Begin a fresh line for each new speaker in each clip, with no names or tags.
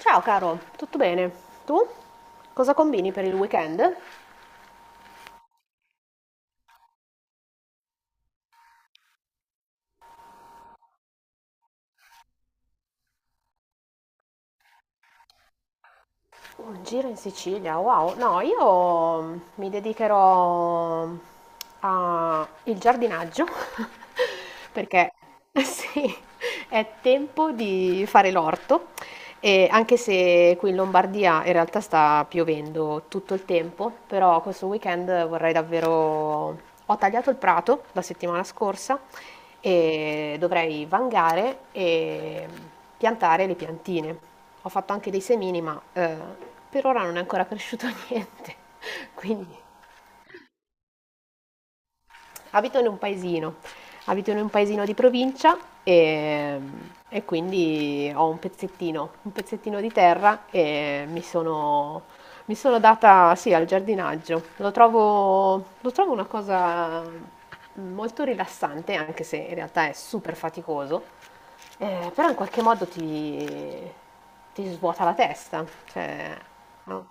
Ciao caro, tutto bene? Tu? Cosa combini per il weekend? Un giro in Sicilia, wow. No, io mi dedicherò al giardinaggio perché sì, è tempo di fare l'orto e anche se qui in Lombardia in realtà sta piovendo tutto il tempo, però questo weekend vorrei davvero. Ho tagliato il prato la settimana scorsa e dovrei vangare e piantare le piantine. Ho fatto anche dei semini, ma per ora non è ancora cresciuto niente, quindi abito in un paesino, abito in un paesino di provincia e, quindi ho un pezzettino di terra e mi sono data, sì, al giardinaggio. Lo trovo una cosa molto rilassante, anche se in realtà è super faticoso, però in qualche modo ti, ti svuota la testa, cioè, no?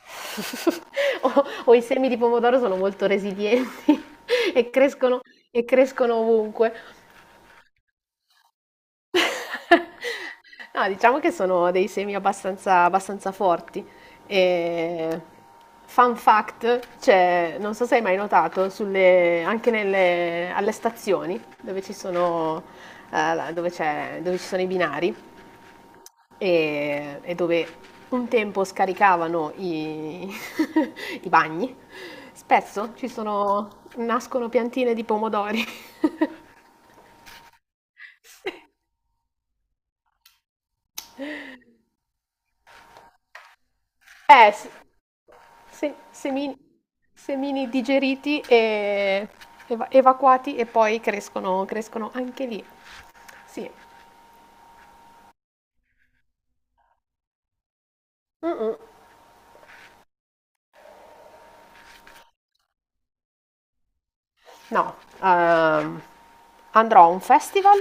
O i semi di pomodoro sono molto resilienti e crescono e crescono ovunque. No, diciamo che sono dei semi abbastanza abbastanza forti. E fun fact, c'è non so se hai mai notato sulle anche nelle alle stazioni dove ci sono, la dove c'è dove ci sono i binari, e, dove un tempo scaricavano i, i bagni, spesso ci sono, nascono piantine di pomodori. Sì. Eh, s- semini, semini digeriti e evacuati e poi crescono, crescono anche lì. Sì. Mm, mm. No, ehm, andrò a un festival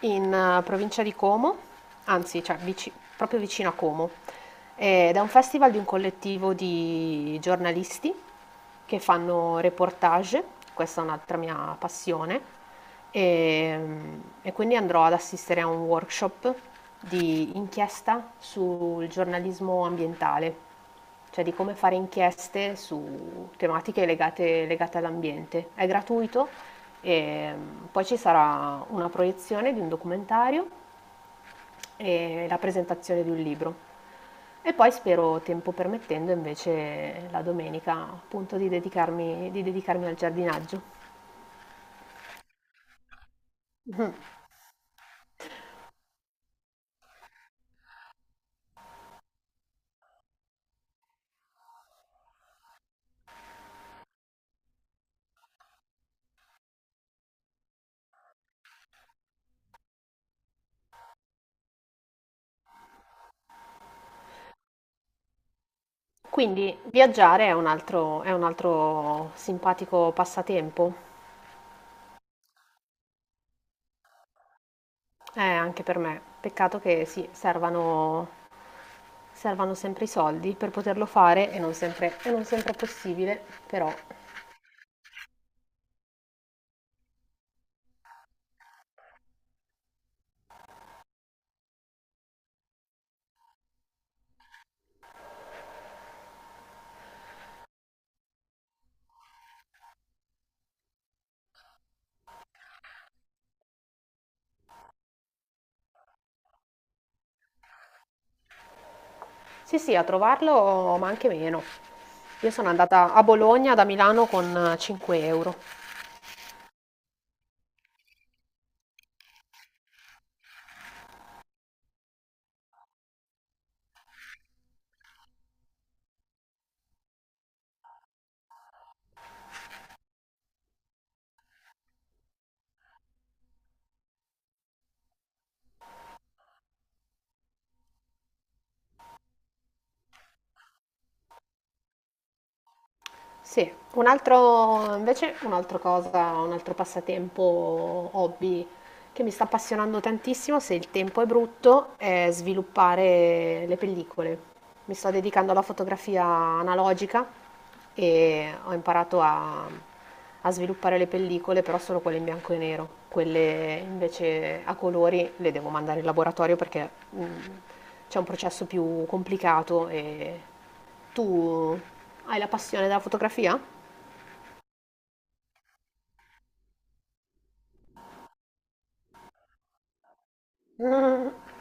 in provincia di Como, anzi, cioè proprio vicino a Como, ed è un festival di un collettivo di giornalisti che fanno reportage, questa è un'altra mia passione, e, quindi andrò ad assistere a un workshop di inchiesta sul giornalismo ambientale, cioè di come fare inchieste su tematiche legate, legate all'ambiente. È gratuito e poi ci sarà una proiezione di un documentario e la presentazione di un libro. E poi spero, tempo permettendo, invece la domenica appunto di dedicarmi al giardinaggio. Mhm. Quindi viaggiare è un altro simpatico passatempo, anche per me. Peccato che sì, servano, servano sempre i soldi per poterlo fare e non sempre è possibile, però sì sì, a trovarlo, ma anche meno. Io sono andata a Bologna da Milano con 5 euro. Sì, un altro, invece un'altra cosa, un altro passatempo, hobby che mi sta appassionando tantissimo, se il tempo è brutto, è sviluppare le pellicole. Mi sto dedicando alla fotografia analogica e ho imparato a, a sviluppare le pellicole, però solo quelle in bianco e nero. Quelle invece a colori le devo mandare in laboratorio perché c'è un processo più complicato e tu hai la passione della fotografia?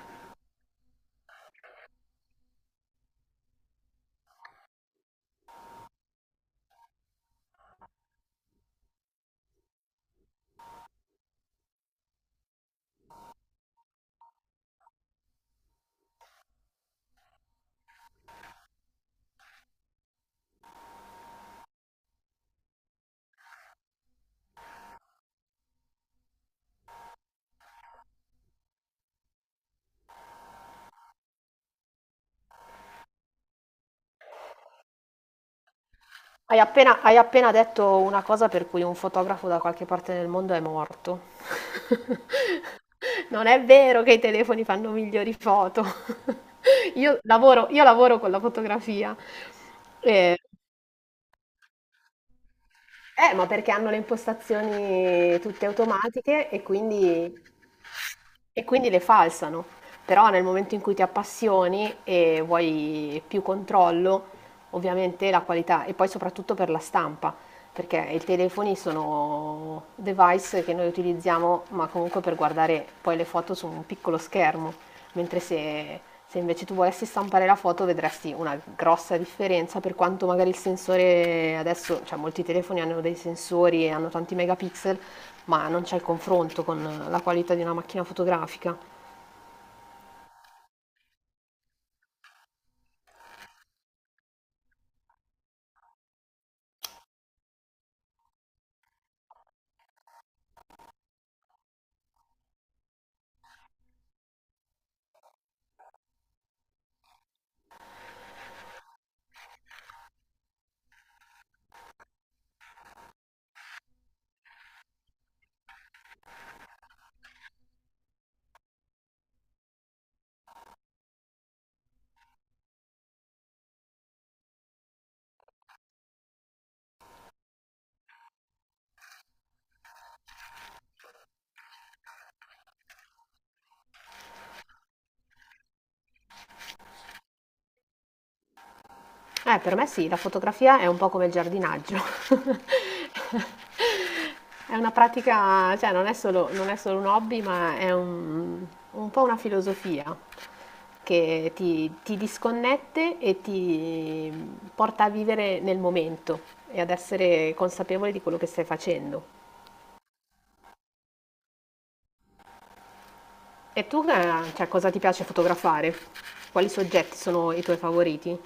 Hai appena detto una cosa per cui un fotografo da qualche parte nel mondo è morto. Non è vero che i telefoni fanno migliori foto. Io lavoro con la fotografia. Eh, ma perché hanno le impostazioni tutte automatiche e quindi... E quindi le falsano, però nel momento in cui ti appassioni e vuoi più controllo, ovviamente la qualità e poi soprattutto per la stampa, perché i telefoni sono device che noi utilizziamo, ma comunque per guardare poi le foto su un piccolo schermo mentre se, se invece tu volessi stampare la foto vedresti una grossa differenza per quanto magari il sensore adesso, cioè molti telefoni hanno dei sensori e hanno tanti megapixel, ma non c'è il confronto con la qualità di una macchina fotografica. Per me sì, la fotografia è un po' come il giardinaggio. È una pratica, cioè non è solo, non è solo un hobby, ma è un po' una filosofia che ti disconnette e ti porta a vivere nel momento e ad essere consapevole di quello che stai facendo. E tu, cioè, cosa ti piace fotografare? Quali soggetti sono i tuoi favoriti?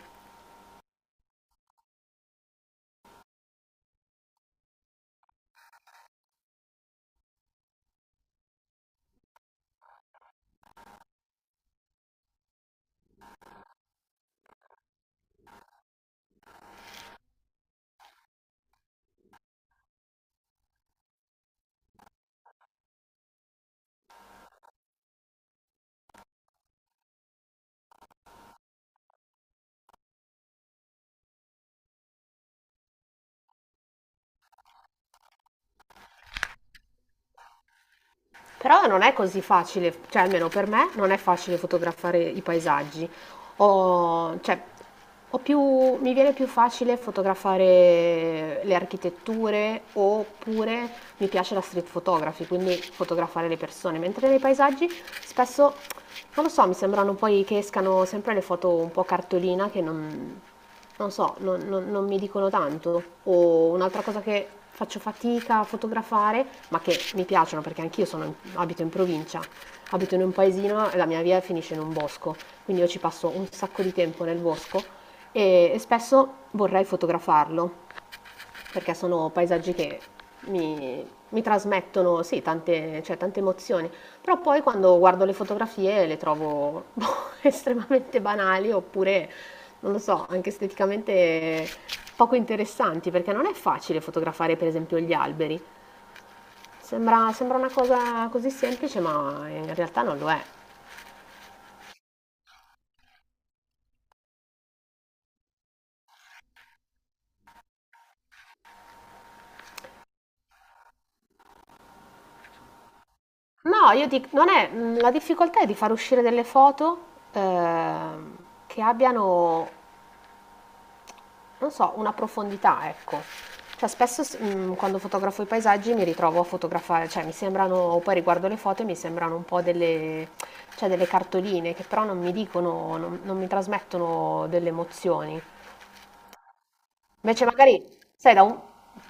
Però non è così facile, cioè almeno per me non è facile fotografare i paesaggi. Ho, cioè, ho più, mi viene più facile fotografare le architetture oppure mi piace la street photography, quindi fotografare le persone, mentre nei paesaggi spesso, non lo so, mi sembrano poi che escano sempre le foto un po' cartolina che non, non so, non, non mi dicono tanto. O un'altra cosa che faccio fatica a fotografare, ma che mi piacciono perché anch'io sono abito in provincia, abito in un paesino e la mia via finisce in un bosco quindi io ci passo un sacco di tempo nel bosco e spesso vorrei fotografarlo perché sono paesaggi che mi trasmettono sì, tante, cioè, tante emozioni, però poi quando guardo le fotografie le trovo boh, estremamente banali oppure, non lo so, anche esteticamente poco interessanti perché non è facile fotografare per esempio gli alberi. Sembra, sembra una cosa così semplice, ma in realtà non lo è. No, io dico, non è, la difficoltà è di far uscire delle foto ehm, che abbiano, non so, una profondità, ecco. Cioè, spesso quando fotografo i paesaggi mi ritrovo a fotografare, cioè mi sembrano, poi riguardo le foto e mi sembrano un po' delle, cioè, delle cartoline che però non mi dicono, non, non mi trasmettono delle emozioni. Invece magari, sai,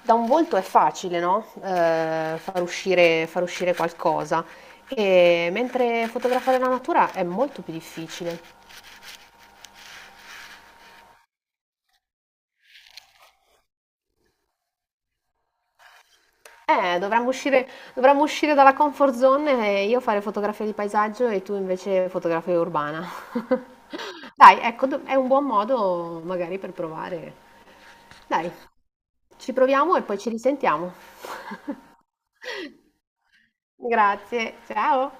da un volto è facile, no? Far uscire qualcosa. E mentre fotografare la natura è molto più difficile. Eh, dovremmo uscire, dovremmo uscire dalla comfort zone e io fare fotografia di paesaggio e tu invece fotografia urbana. Dai, ecco, è un buon modo magari per provare. Dai, ci proviamo e poi ci risentiamo. Grazie, ciao.